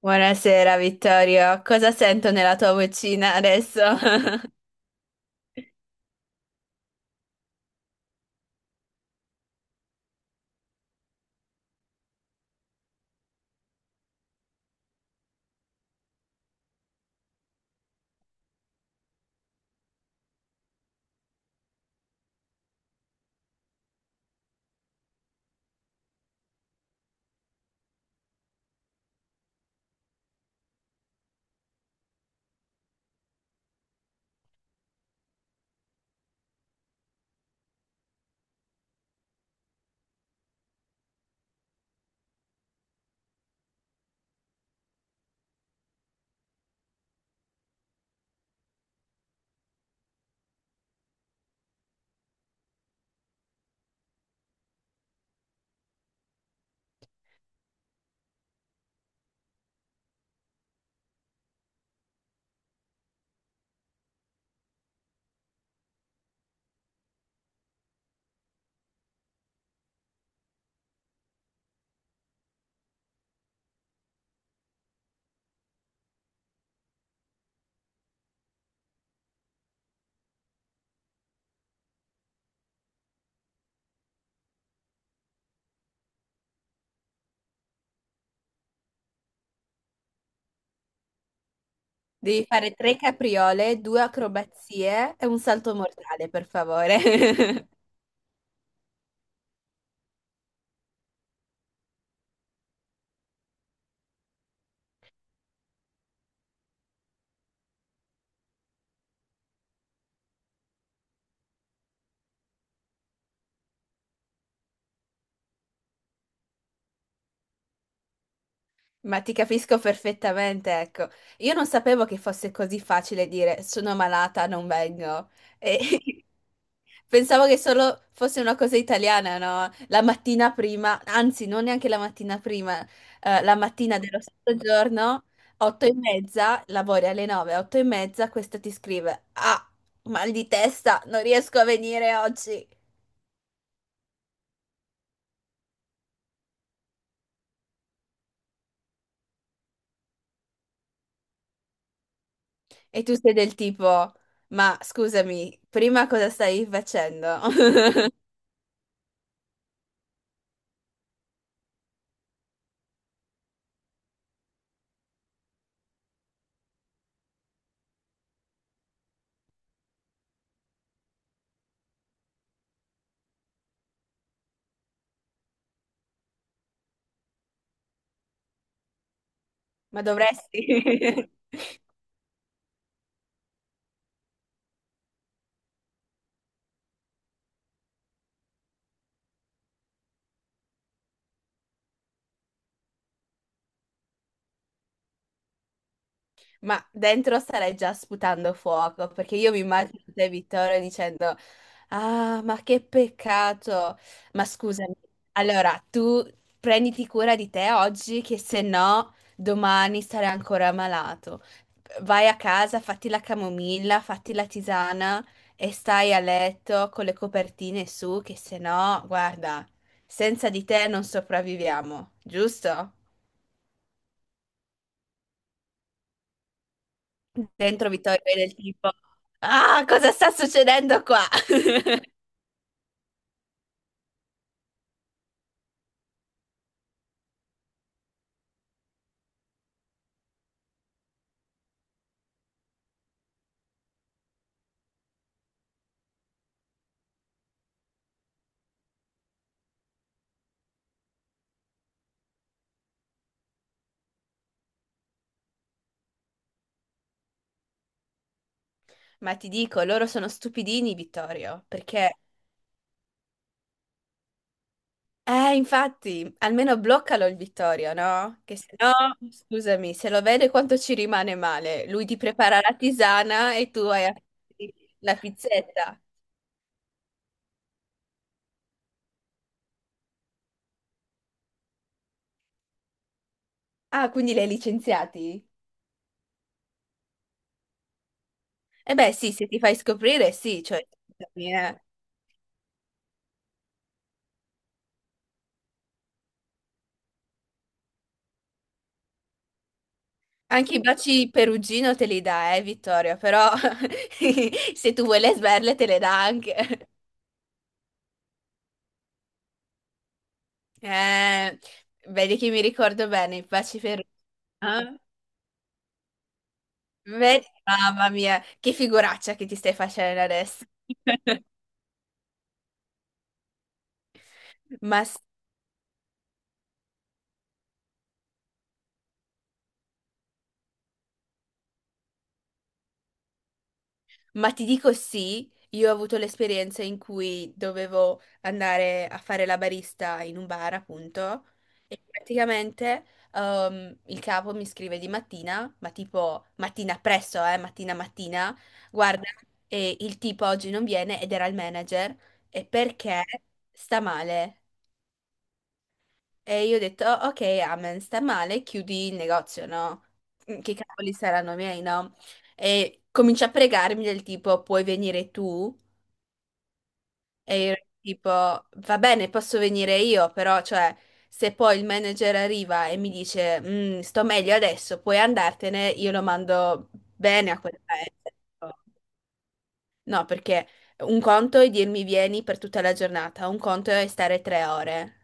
Buonasera Vittorio, cosa sento nella tua vocina adesso? Devi fare tre capriole, due acrobazie e un salto mortale, per favore. Ma ti capisco perfettamente, ecco. Io non sapevo che fosse così facile dire sono malata, non vengo. E pensavo che solo fosse una cosa italiana, no? La mattina prima, anzi, non neanche la mattina prima, la mattina dello stesso giorno, 8:30, lavori alle 9, 8:30, questa ti scrive, ah, mal di testa, non riesco a venire oggi. E tu sei del tipo, ma scusami, prima cosa stai facendo? Ma dovresti. Ma dentro starei già sputando fuoco, perché io mi immagino te, Vittorio, dicendo, ah, ma che peccato. Ma scusami, allora tu prenditi cura di te oggi, che se no domani sarai ancora malato. Vai a casa, fatti la camomilla, fatti la tisana e stai a letto con le copertine su, che se no, guarda, senza di te non sopravviviamo, giusto? Dentro Vittorio è del tipo, ah, cosa sta succedendo qua? Ma ti dico, loro sono stupidini, Vittorio, perché, infatti, almeno bloccalo il Vittorio, no? Che se no, scusami, se lo vede quanto ci rimane male. Lui ti prepara la tisana e tu la pizzetta. Ah, quindi li hai licenziati? Eh beh, sì, se ti fai scoprire, sì, cioè, scusami, eh. Anche i baci perugino te li dà, Vittorio, però se tu vuoi le sberle te le dà anche. Eh, vedi che mi ricordo bene, i baci perugino. Ah, vedi, mamma mia, che figuraccia che ti stai facendo adesso. Ma sì. Ma ti dico sì, io ho avuto l'esperienza in cui dovevo andare a fare la barista in un bar, appunto, e praticamente il capo mi scrive di mattina, ma tipo mattina presto, mattina mattina, guarda, e il tipo oggi non viene ed era il manager, e perché sta male? E io ho detto, "Oh, ok, amen, sta male, chiudi il negozio, no? Che cavoli saranno miei, no? E comincia a pregarmi del tipo, puoi venire tu? E io ero tipo, va bene, posso venire io, però, cioè, se poi il manager arriva e mi dice, "Mm, sto meglio adesso, puoi andartene, io lo mando bene a quel paese. No, perché un conto è dirmi vieni per tutta la giornata, un conto è stare 3 ore.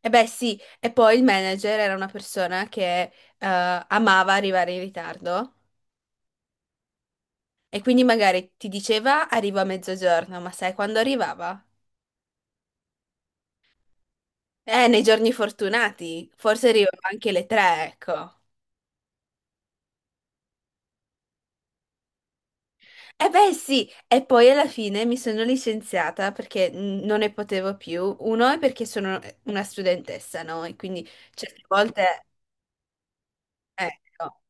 E beh, sì, e poi il manager era una persona che amava arrivare in ritardo e quindi magari ti diceva arrivo a mezzogiorno, ma sai quando arrivava? Nei giorni fortunati, forse arrivano anche le 3, ecco. Eh beh sì, e poi alla fine mi sono licenziata perché non ne potevo più. Uno è perché sono una studentessa, no? E quindi certe volte, ecco,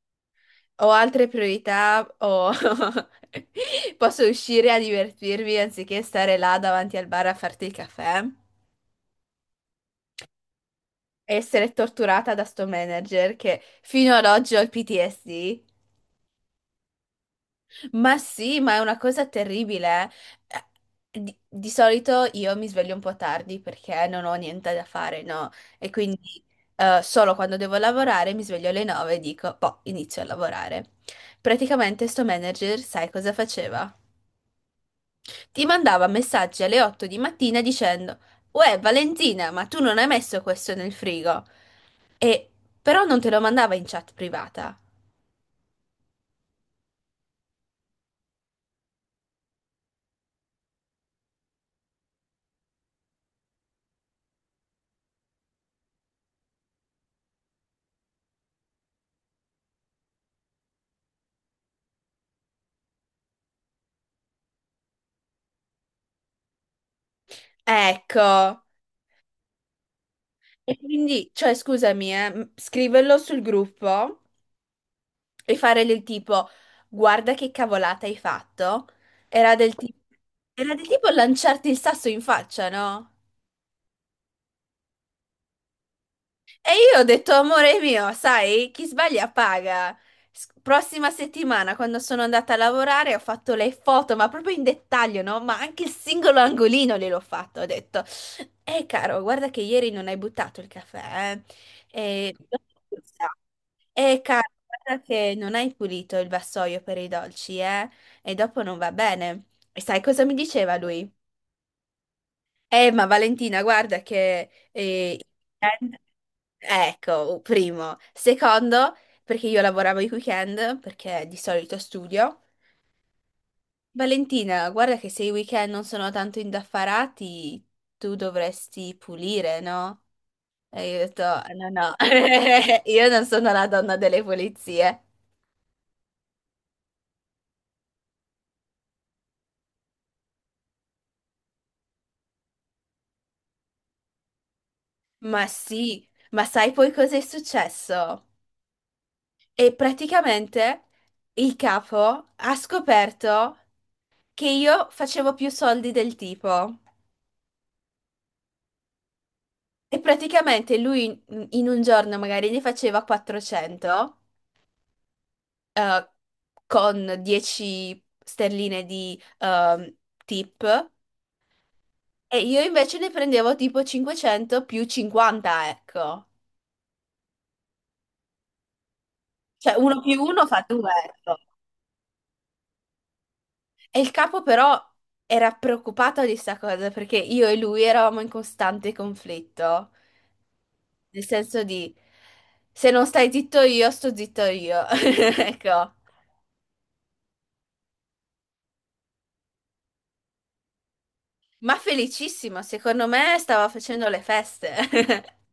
ho altre priorità o posso uscire a divertirmi anziché stare là davanti al bar a farti il caffè e essere torturata da sto manager che fino ad oggi ho il PTSD. Ma sì, ma è una cosa terribile, eh. Di solito io mi sveglio un po' tardi perché non ho niente da fare, no? E quindi solo quando devo lavorare mi sveglio alle 9 e dico, boh, inizio a lavorare. Praticamente sto manager, sai cosa faceva? Ti mandava messaggi alle 8 di mattina dicendo, uè, Valentina, ma tu non hai messo questo nel frigo. E però non te lo mandava in chat privata. Ecco. E quindi, cioè, scusami, scriverlo sul gruppo e fare del tipo, guarda che cavolata hai fatto, era del tipo, era del tipo lanciarti il sasso in faccia, no? E io ho detto, amore mio, sai, chi sbaglia paga. Prossima settimana, quando sono andata a lavorare, ho fatto le foto, ma proprio in dettaglio, no? Ma anche il singolo angolino gliel'ho fatto. Ho detto, caro, guarda che ieri non hai buttato il caffè, eh. E... E cara, guarda che non hai pulito il vassoio per i dolci, eh? E dopo non va bene. E sai cosa mi diceva lui? Ma Valentina, guarda che. Ecco, primo. Secondo, perché io lavoravo i weekend, perché di solito studio. Valentina, guarda che se i weekend non sono tanto indaffarati, tu dovresti pulire, no? E io ho detto, no, no, io non sono la donna delle pulizie. Ma sì, ma sai poi cosa è successo? E praticamente il capo ha scoperto che io facevo più soldi del tipo. E praticamente lui in un giorno magari ne faceva 400 eh, con 10 sterline di tip e io invece ne prendevo tipo 500 più 50, ecco. Cioè uno più uno fa due, ecco. E il capo però era preoccupato di sta cosa perché io e lui eravamo in costante conflitto, nel senso di se non stai zitto io, sto zitto io. Ecco. Ma felicissimo, secondo me stava facendo le feste.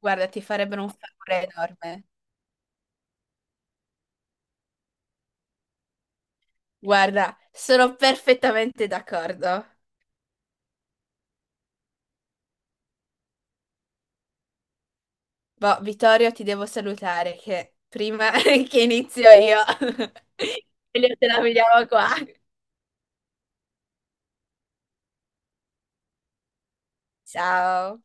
Guarda, ti farebbero un favore enorme. Guarda, sono perfettamente d'accordo. Boh, Vittorio, ti devo salutare che prima che inizio io, meglio te la vediamo qua. Ciao.